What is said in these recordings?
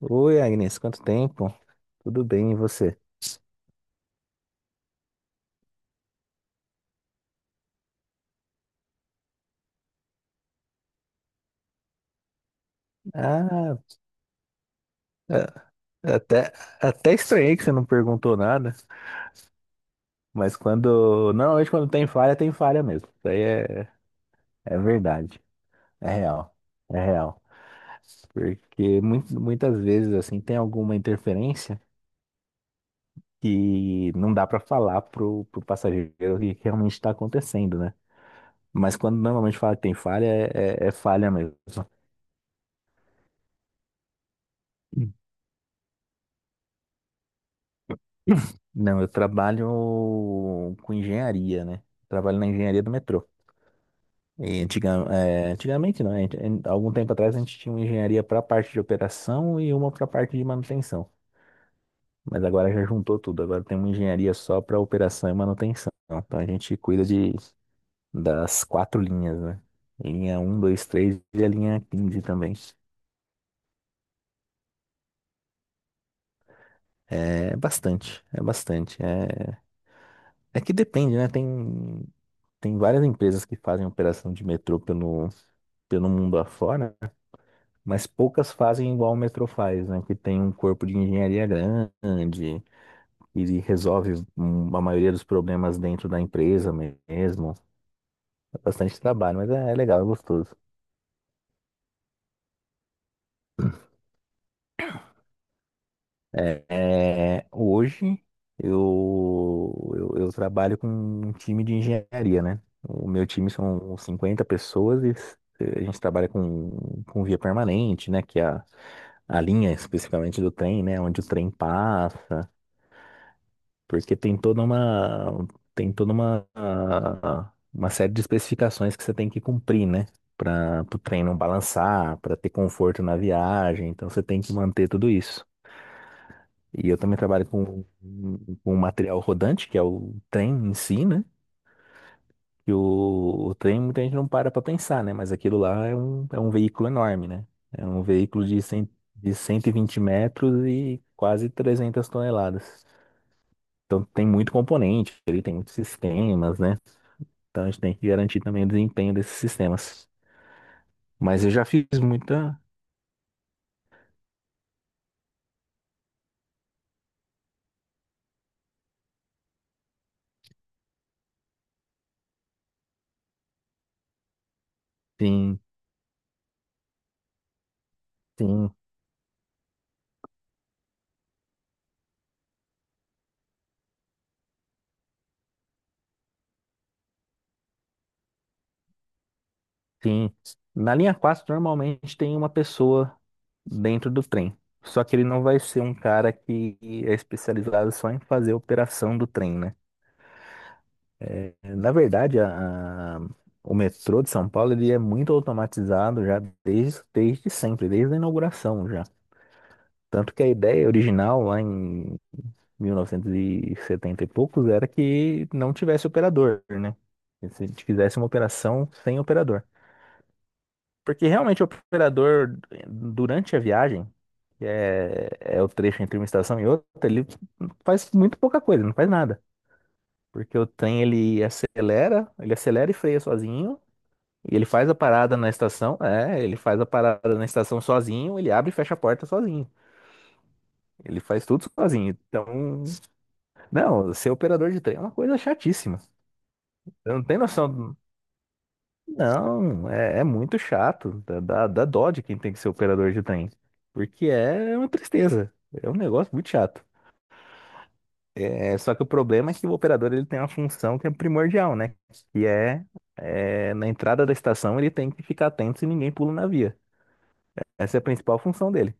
Oi, Agnes, quanto tempo? Tudo bem, e você? Ah, é, é até, até estranhei que você não perguntou nada, mas quando. Normalmente quando tem falha mesmo. Isso aí é verdade. É real. É real. Porque muito, muitas vezes, assim, tem alguma interferência que não dá para falar pro passageiro o que realmente está acontecendo, né? Mas quando normalmente fala que tem falha, é falha mesmo. Não, eu trabalho com engenharia, né? Trabalho na engenharia do metrô. E antiga- é, antigamente, não, a gente- em- algum tempo atrás a gente tinha uma engenharia para a parte de operação e uma para a parte de manutenção. Mas agora já juntou tudo, agora tem uma engenharia só para operação e manutenção. Então a gente cuida das quatro linhas, né? Linha um, 2, 3 e a linha 15 também. É bastante, é bastante. É que depende, né? Tem várias empresas que fazem operação de metrô pelo mundo afora, mas poucas fazem igual o metrô faz, né? Que tem um corpo de engenharia grande e resolve a maioria dos problemas dentro da empresa mesmo. É bastante trabalho, mas é legal, é gostoso. Hoje eu trabalho com um time de engenharia, né? O meu time são 50 pessoas e a gente trabalha com via permanente, né? Que é a linha especificamente do trem, né? Onde o trem passa, porque tem toda uma série de especificações que você tem que cumprir, né? Para o trem não balançar, para ter conforto na viagem, então você tem que manter tudo isso. E eu também trabalho com um material rodante, que é o trem em si, né? Que o trem muita gente não para pra pensar, né? Mas aquilo lá é um veículo enorme, né? É um veículo de 120 metros e quase 300 toneladas. Então tem muito componente, ele tem muitos sistemas, né? Então a gente tem que garantir também o desempenho desses sistemas. Mas eu já fiz muita, sim, sim, sim. Na linha 4 normalmente tem uma pessoa dentro do trem. Só que ele não vai ser um cara que é especializado só em fazer operação do trem, né? Na verdade, o metrô de São Paulo ele é muito automatizado já desde sempre, desde a inauguração já. Tanto que a ideia original lá em 1970 e setenta e poucos era que não tivesse operador, né? Que se a gente fizesse uma operação sem operador. Porque realmente o operador, durante a viagem, que é o trecho entre uma estação e outra, ele faz muito pouca coisa, não faz nada. Porque o trem ele acelera e freia sozinho, e ele faz a parada na estação sozinho, ele abre e fecha a porta sozinho. Ele faz tudo sozinho. Então, não, ser operador de trem é uma coisa chatíssima. Eu não tenho noção. Não, é muito chato. Dá dó de quem tem que ser operador de trem. Porque é uma tristeza. É um negócio muito chato. Só que o problema é que o operador ele tem uma função que é primordial, né? Que é, na entrada da estação ele tem que ficar atento se ninguém pula na via. Essa é a principal função dele.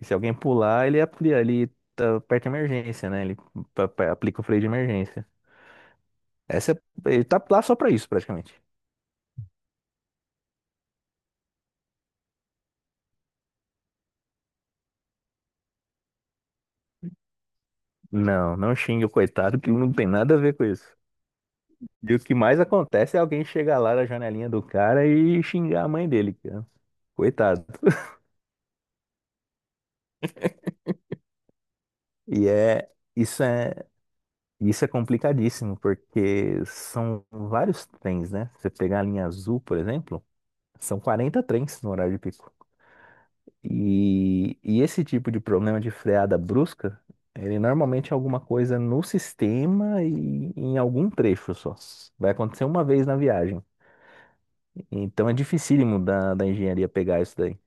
E se alguém pular, ele aplia, ele tá- aperta a emergência, né? Ele aplica o freio de emergência. Essa é- ele tá lá só pra isso, praticamente. Não, não xingue o coitado que não tem nada a ver com isso. E o que mais acontece é alguém chegar lá na janelinha do cara e xingar a mãe dele, cara. Coitado. E isso é complicadíssimo, porque são vários trens, né? Você pegar a linha azul, por exemplo, são 40 trens no horário de pico. E esse tipo de problema de freada brusca, ele normalmente é alguma coisa no sistema e em algum trecho só. Vai acontecer uma vez na viagem. Então é dificílimo da engenharia pegar isso daí.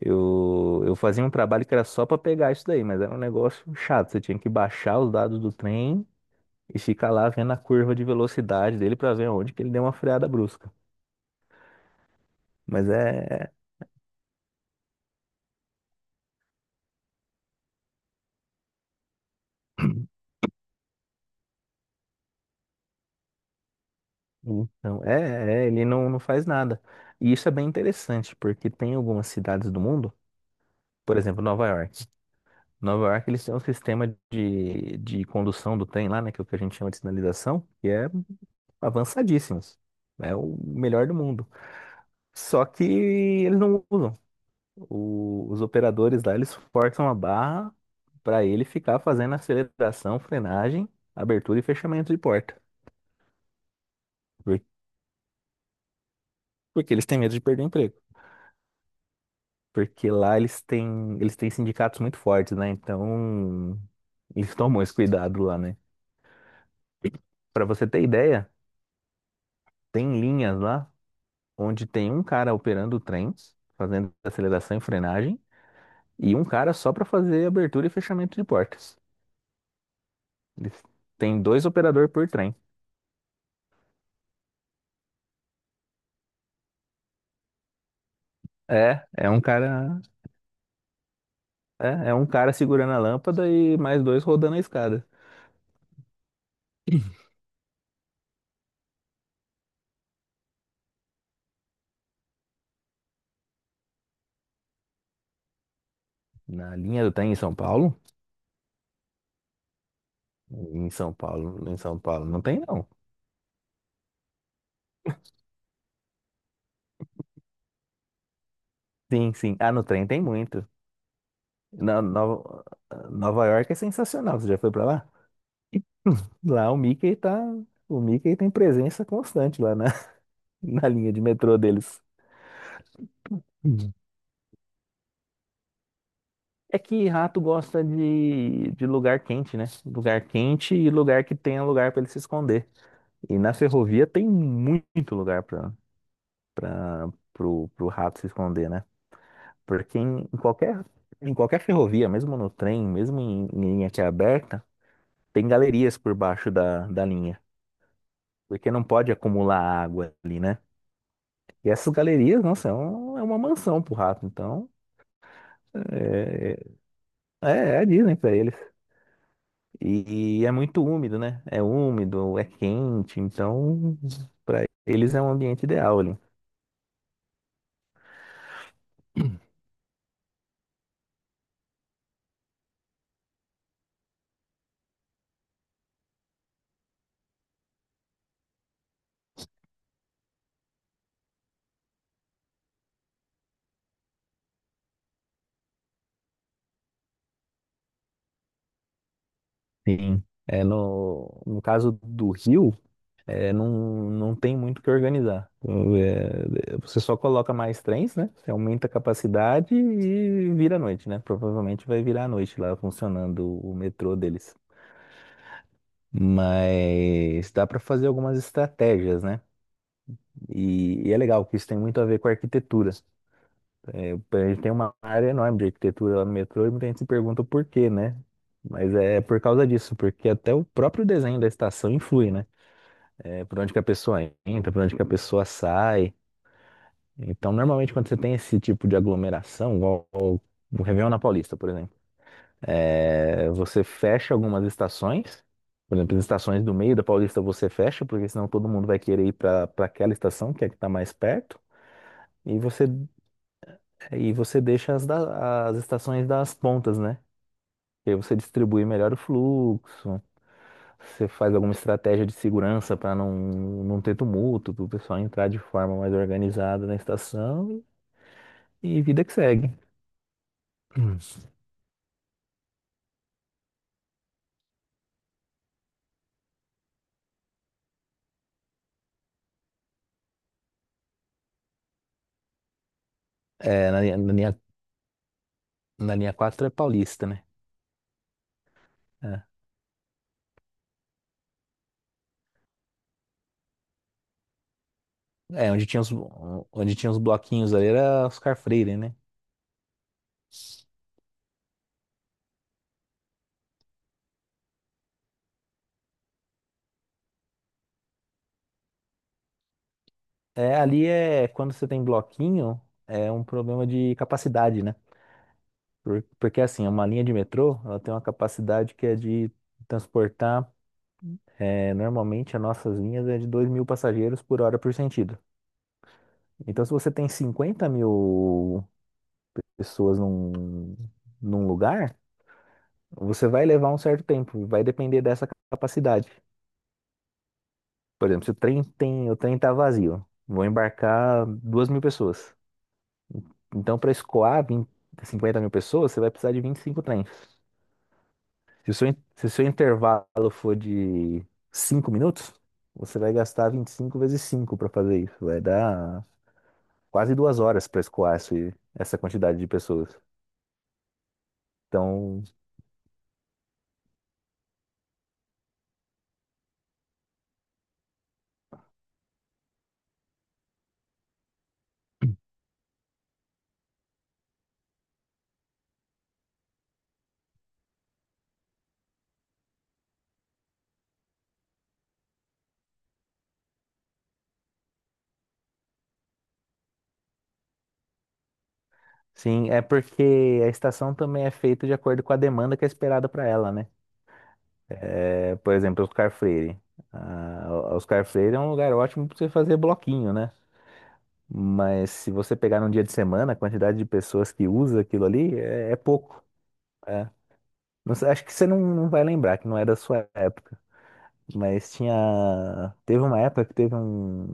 Eu fazia um trabalho que era só para pegar isso daí, mas era um negócio chato. Você tinha que baixar os dados do trem e ficar lá vendo a curva de velocidade dele para ver onde que ele deu uma freada brusca. Mas então, ele não faz nada. E isso é bem interessante, porque tem algumas cidades do mundo, por exemplo, Nova York. Nova York, eles têm um sistema de condução do trem lá, né, que é o que a gente chama de sinalização, que é avançadíssimo. É o melhor do mundo. Só que eles não usam. Os operadores lá, eles forçam a barra para ele ficar fazendo aceleração, frenagem, abertura e fechamento de porta. Por- Porque eles têm medo de perder o emprego. Porque lá eles têm sindicatos muito fortes, né? Então, eles tomam esse cuidado lá, né? Para você ter ideia, tem linhas lá onde tem um cara operando o trem, fazendo aceleração e frenagem, e um cara só para fazer abertura e fechamento de portas. Eles- Tem dois operadores por trem. É, é um cara é um cara segurando a lâmpada e mais dois rodando a escada. Na linha do trem em São Paulo? Em São Paulo, em São Paulo não tem não. Sim, sim. Ah, no trem tem muito. Na, Nova, Nova York é sensacional. Você já foi pra lá? Lá o Mickey tem presença constante lá na linha de metrô deles. Uhum. É que rato gosta de lugar quente, né? Lugar quente e lugar que tenha lugar pra ele se esconder. E na ferrovia tem muito lugar pro rato se esconder, né? Porque em qualquer ferrovia, mesmo no trem, mesmo em linha que é aberta, tem galerias por baixo da linha, porque não pode acumular água ali, né? E essas galerias, nossa, é uma mansão pro rato, então é, é a Disney pra eles. E é muito úmido, né? É úmido, é quente, então pra eles é um ambiente ideal ali. Sim. É no caso do Rio. Não, não tem muito o que organizar. Então, você só coloca mais trens, né? Você aumenta a capacidade e vira à noite, né? Provavelmente vai virar à noite lá funcionando o metrô deles. Mas dá para fazer algumas estratégias, né? E é legal que isso tem muito a ver com a arquitetura. A gente tem uma área enorme de arquitetura lá no metrô e muita gente se pergunta por quê, né? Mas é por causa disso, porque até o próprio desenho da estação influi, né? É por onde que a pessoa entra, por onde que a pessoa sai. Então, normalmente, quando você tem esse tipo de aglomeração, igual o Réveillon na Paulista, por exemplo, você fecha algumas estações. Por exemplo, as estações do meio da Paulista você fecha, porque senão todo mundo vai querer ir para aquela estação, que é a que está mais perto, e você, e você deixa as estações das pontas, né? E aí você distribui melhor o fluxo, você faz alguma estratégia de segurança para não ter tumulto, para o pessoal entrar de forma mais organizada na estação e vida que segue. Hum. É, na linha 4 é Paulista, né? É, é, onde tinha os bloquinhos ali era Oscar Freire, né? É, ali é quando você tem bloquinho, é um problema de capacidade, né? Porque assim, é uma linha de metrô, ela tem uma capacidade que é de transportar, normalmente as nossas linhas é de 2.000 passageiros por hora por sentido. Então, se você tem 50.000 pessoas num lugar, você vai levar um certo tempo, vai depender dessa capacidade. Por exemplo, se o trem tá vazio, vão embarcar 2.000 pessoas. Então, para escoar 50 mil pessoas, você vai precisar de 25 trens. Se o seu intervalo for de 5 minutos, você vai gastar 25 vezes 5 para fazer isso. Vai dar quase 2 horas para escoar essa quantidade de pessoas. Então, sim, é porque a estação também é feita de acordo com a demanda que é esperada para ela, né? É, por exemplo, Oscar Freire. Ah, Oscar Freire é um lugar ótimo para você fazer bloquinho, né? Mas se você pegar num dia de semana, a quantidade de pessoas que usa aquilo ali é pouco. É. Não sei, acho que você não vai lembrar, que não é da sua época. Mas tinha. Teve uma época que teve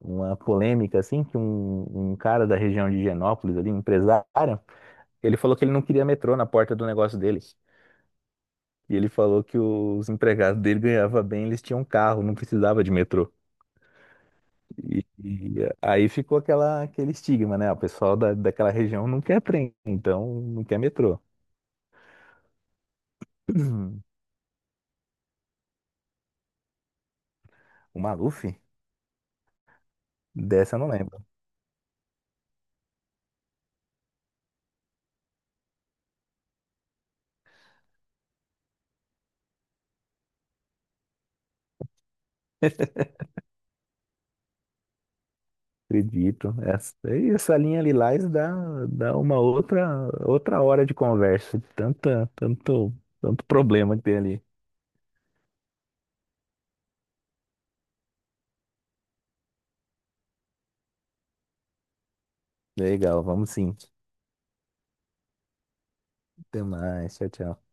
uma polêmica, assim, que um cara da região de Higienópolis, ali, um empresário, ele falou que ele não queria metrô na porta do negócio dele. E ele falou que os empregados dele ganhavam bem, eles tinham carro, não precisava de metrô. E aí ficou aquele estigma, né? O pessoal daquela região não quer trem, então não quer metrô. O Maluf? Dessa eu não lembro, acredito. E essa linha Lilás dá uma outra hora de conversa, de tanto problema que tem ali. Legal, vamos sim. Até mais, tchau, tchau.